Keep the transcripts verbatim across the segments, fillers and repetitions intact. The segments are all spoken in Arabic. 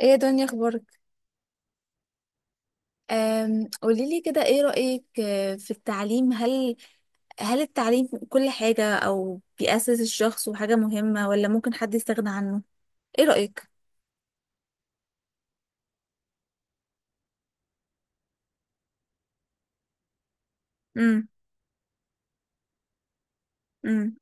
ايه يا دنيا اخبارك؟ أم، قوليلي كده ايه رأيك آه، في التعليم. هل هل التعليم كل حاجة او بيأسس الشخص وحاجة مهمة، ولا ممكن حد يستغنى عنه؟ ايه رأيك؟ امم. امم.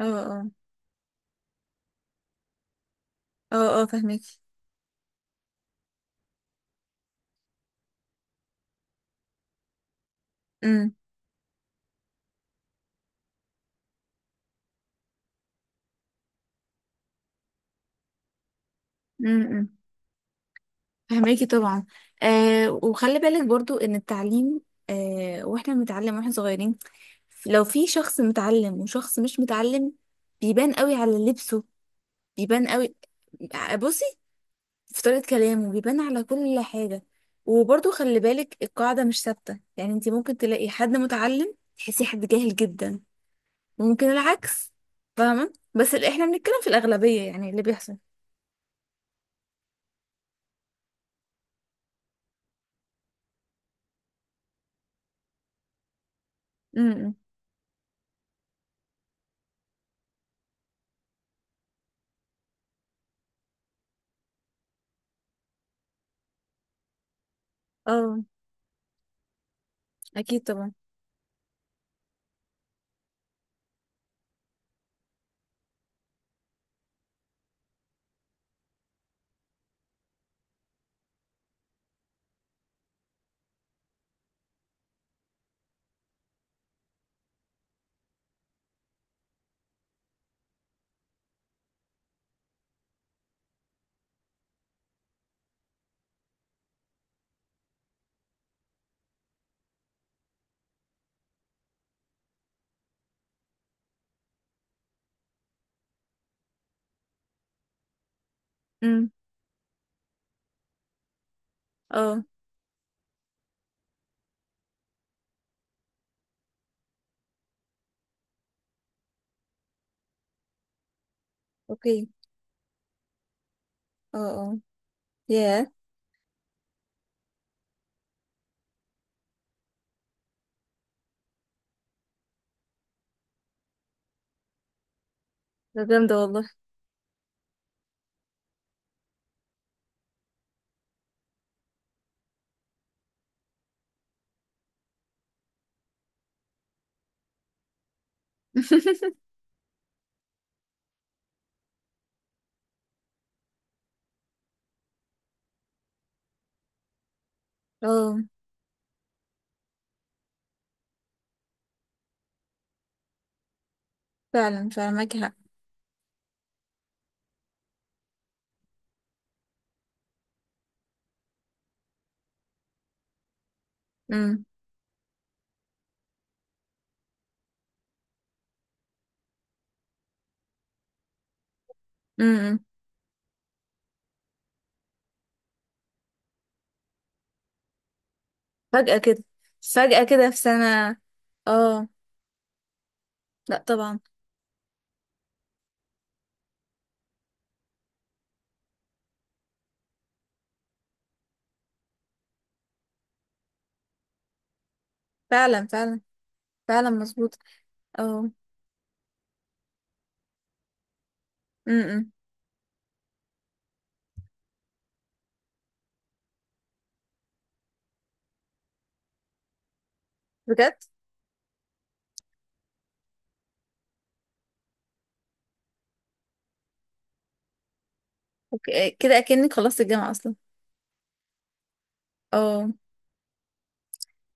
اه، اه. اه، اه، فهميكي. امم. امم. فهميكي طبعا. أه وخلي بالك برضو ان التعليم، أه واحنا بنتعلم واحنا صغيرين، لو في شخص متعلم وشخص مش متعلم بيبان قوي على لبسه، بيبان قوي. بصي، في طريقة كلامه بيبان على كل حاجة. وبرضه خلي بالك القاعدة مش ثابتة، يعني انت ممكن تلاقي حد متعلم تحسيه حد جاهل جدا، وممكن العكس. فاهمة، بس اللي احنا بنتكلم في الأغلبية يعني اللي بيحصل. امم. اه، اكيد طبعا. امم. اه. اوكي. اه، اه. ياه، ده جامدة والله. اه، فعلا فعلا معاكي حق. امم. امم. فجأة كده، فجأة كده في سنة. اه. لا طبعا. فعلا فعلا. فعلا مظبوط. اه. امم. بجد. اوكي، كده اكنك خلصت الجامعه اصلا. اه.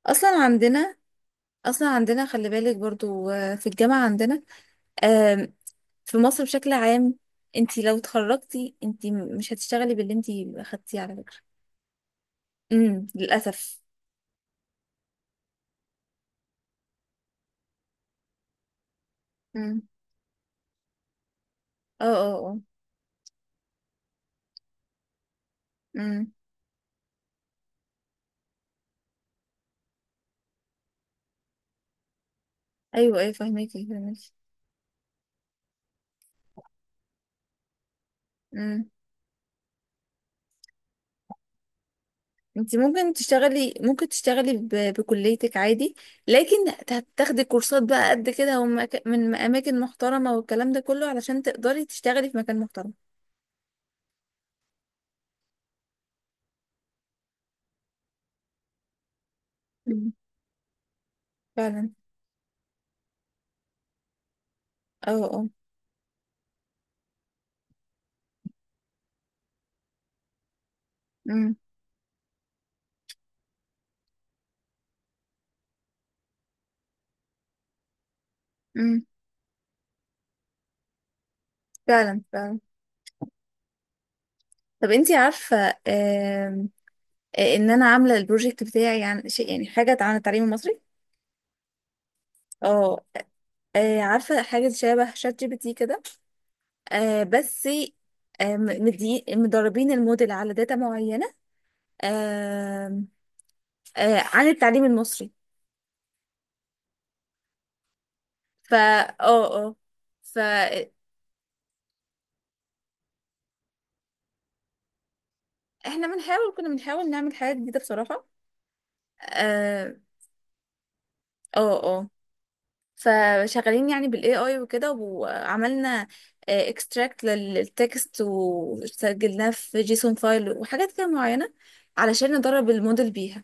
اصلا عندنا. اصلا عندنا خلي بالك برضو آه، في الجامعه عندنا، آم، في مصر بشكل عام، انت لو اتخرجتي انت مش هتشتغلي باللي انت اخدتيه على فكره. امم، للاسف. امم. اه، اه، اه. امم. ايوه، ايوه، فهميكي، فهميكي. انت ممكن تشتغلي ممكن تشتغلي ب... بكليتك عادي. لكن هتاخدي كورسات بقى قد كده ومك... من اماكن محترمة، والكلام ده كله علشان تقدري تشتغلي في مكان محترم. مم. فعلا. اه، اه. امم. امم. فعلا فعلا. طب انتي عارفة، آم، آه، ان انا عاملة البروجكت بتاعي عن شيء، يعني حاجة عن التعليم المصري. اه. آه، عارفة حاجة شبه شات جي بي تي كده. آه، بس آم، مدي- مدربين الموديل على داتا معينة، آه، عن التعليم المصري. فا اه، اه، فاحنا بنحاول كنا بنحاول نعمل حاجة جديدة بصراحة. اه، اه. آه. فشغالين يعني بالاي اي وكده، وعملنا اكستراكت للتكست وسجلناه في جيسون فايل وحاجات كده معينة علشان ندرب الموديل بيها.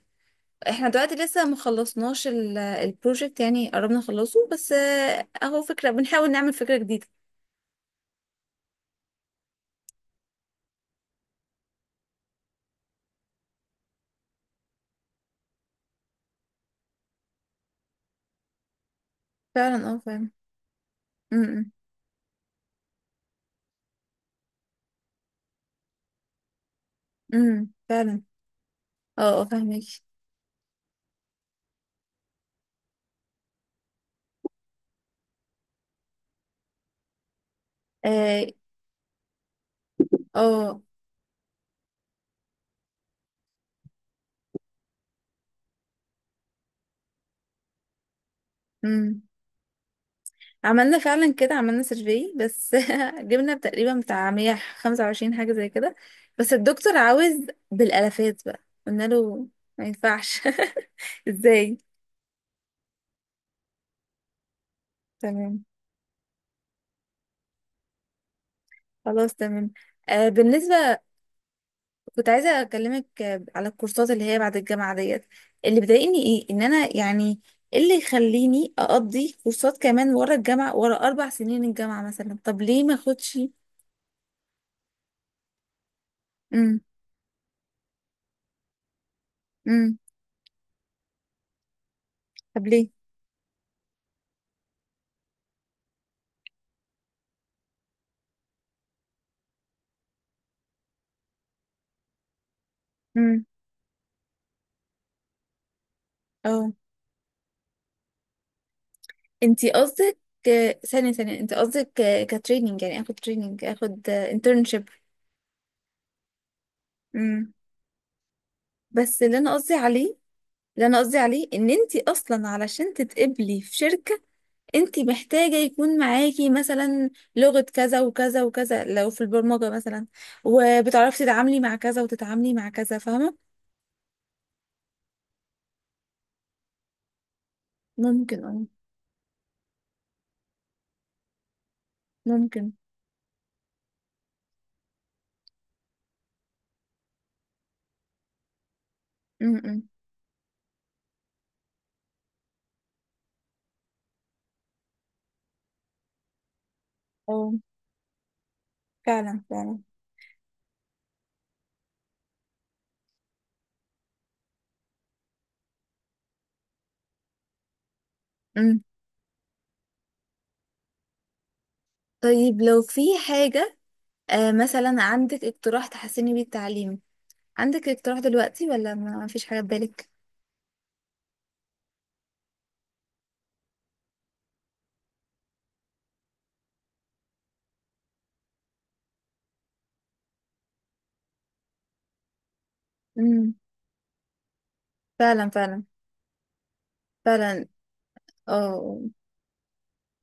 احنا دلوقتي لسه مخلصناش البروجكت، يعني قربنا نخلصه بس آه، اهو، فكرة بنحاول نعمل فكرة جديدة. فعلا، اه، فعلا. امم. امم. فعلا، اه، اه، فاهمك. اه. آه. أمم. عملنا فعلا كده، عملنا سيرفي بس جبنا تقريبا بتاع مية وخمسة وعشرين حاجة زي كده. بس الدكتور عاوز بالالافات بقى. قلنا له ما ينفعش. ازاي؟ تمام. خلاص تمام. آه، بالنسبة، كنت عايزة أكلمك آه، على الكورسات اللي هي بعد الجامعة ديت. اللي بيضايقني إيه، إن أنا يعني إيه اللي يخليني أقضي كورسات كمان ورا الجامعة، ورا أربع سنين الجامعة مثلا؟ طب ليه ما أخدش؟ أمم. أمم. طب ليه؟ اه. انتي قصدك آه، ثانية ثانية، انتي قصدك كتريننج، يعني اخد تريننج اخد انترنشيب. امم. بس اللي انا قصدي عليه، اللي انا قصدي عليه ان انتي اصلا علشان تتقبلي في شركة، انتي محتاجة يكون معاكي مثلا لغة كذا وكذا وكذا، لو في البرمجة مثلا، وبتعرفي تتعاملي مع كذا وتتعاملي مع كذا. فاهمة؟ ممكن، اه، ممكن. امم. اه، فعلا فعلا. امم. طيب، لو في حاجة آه مثلا، عندك اقتراح تحسني بيه التعليم؟ عندك اقتراح دلوقتي ولا ما ما فيش حاجة في بالك؟ امم. فعلا فعلا فعلا. اه.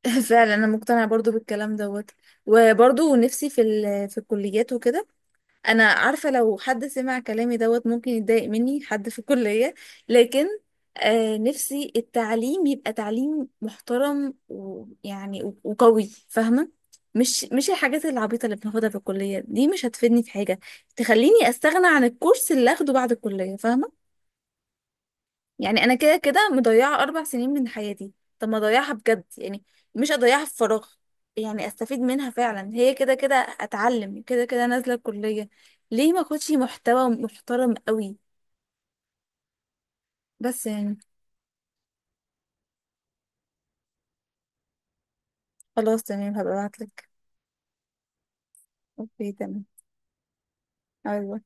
فعلا انا مقتنعة برضو بالكلام دوت. وبرضو نفسي في ال... في الكليات وكده. انا عارفه لو حد سمع كلامي دوت ممكن يتضايق مني حد في الكليه. لكن آه، نفسي التعليم يبقى تعليم محترم، ويعني و- وقوي. فاهمه؟ مش مش الحاجات العبيطه اللي بناخدها في الكليه دي، مش هتفيدني في حاجه تخليني استغنى عن الكورس اللي اخده بعد الكليه. فاهمه؟ يعني انا كده كده مضيعه اربع سنين من حياتي. طب ما اضيعها بجد يعني، مش اضيعها في فراغ. يعني استفيد منها فعلا، هي كده كده اتعلم، كده كده نازله الكليه. ليه ما اخدش محتوى محترم قوي؟ بس يعني. خلاص، تمام، هبقى ابعتلك. اوكي تمام. أيوة.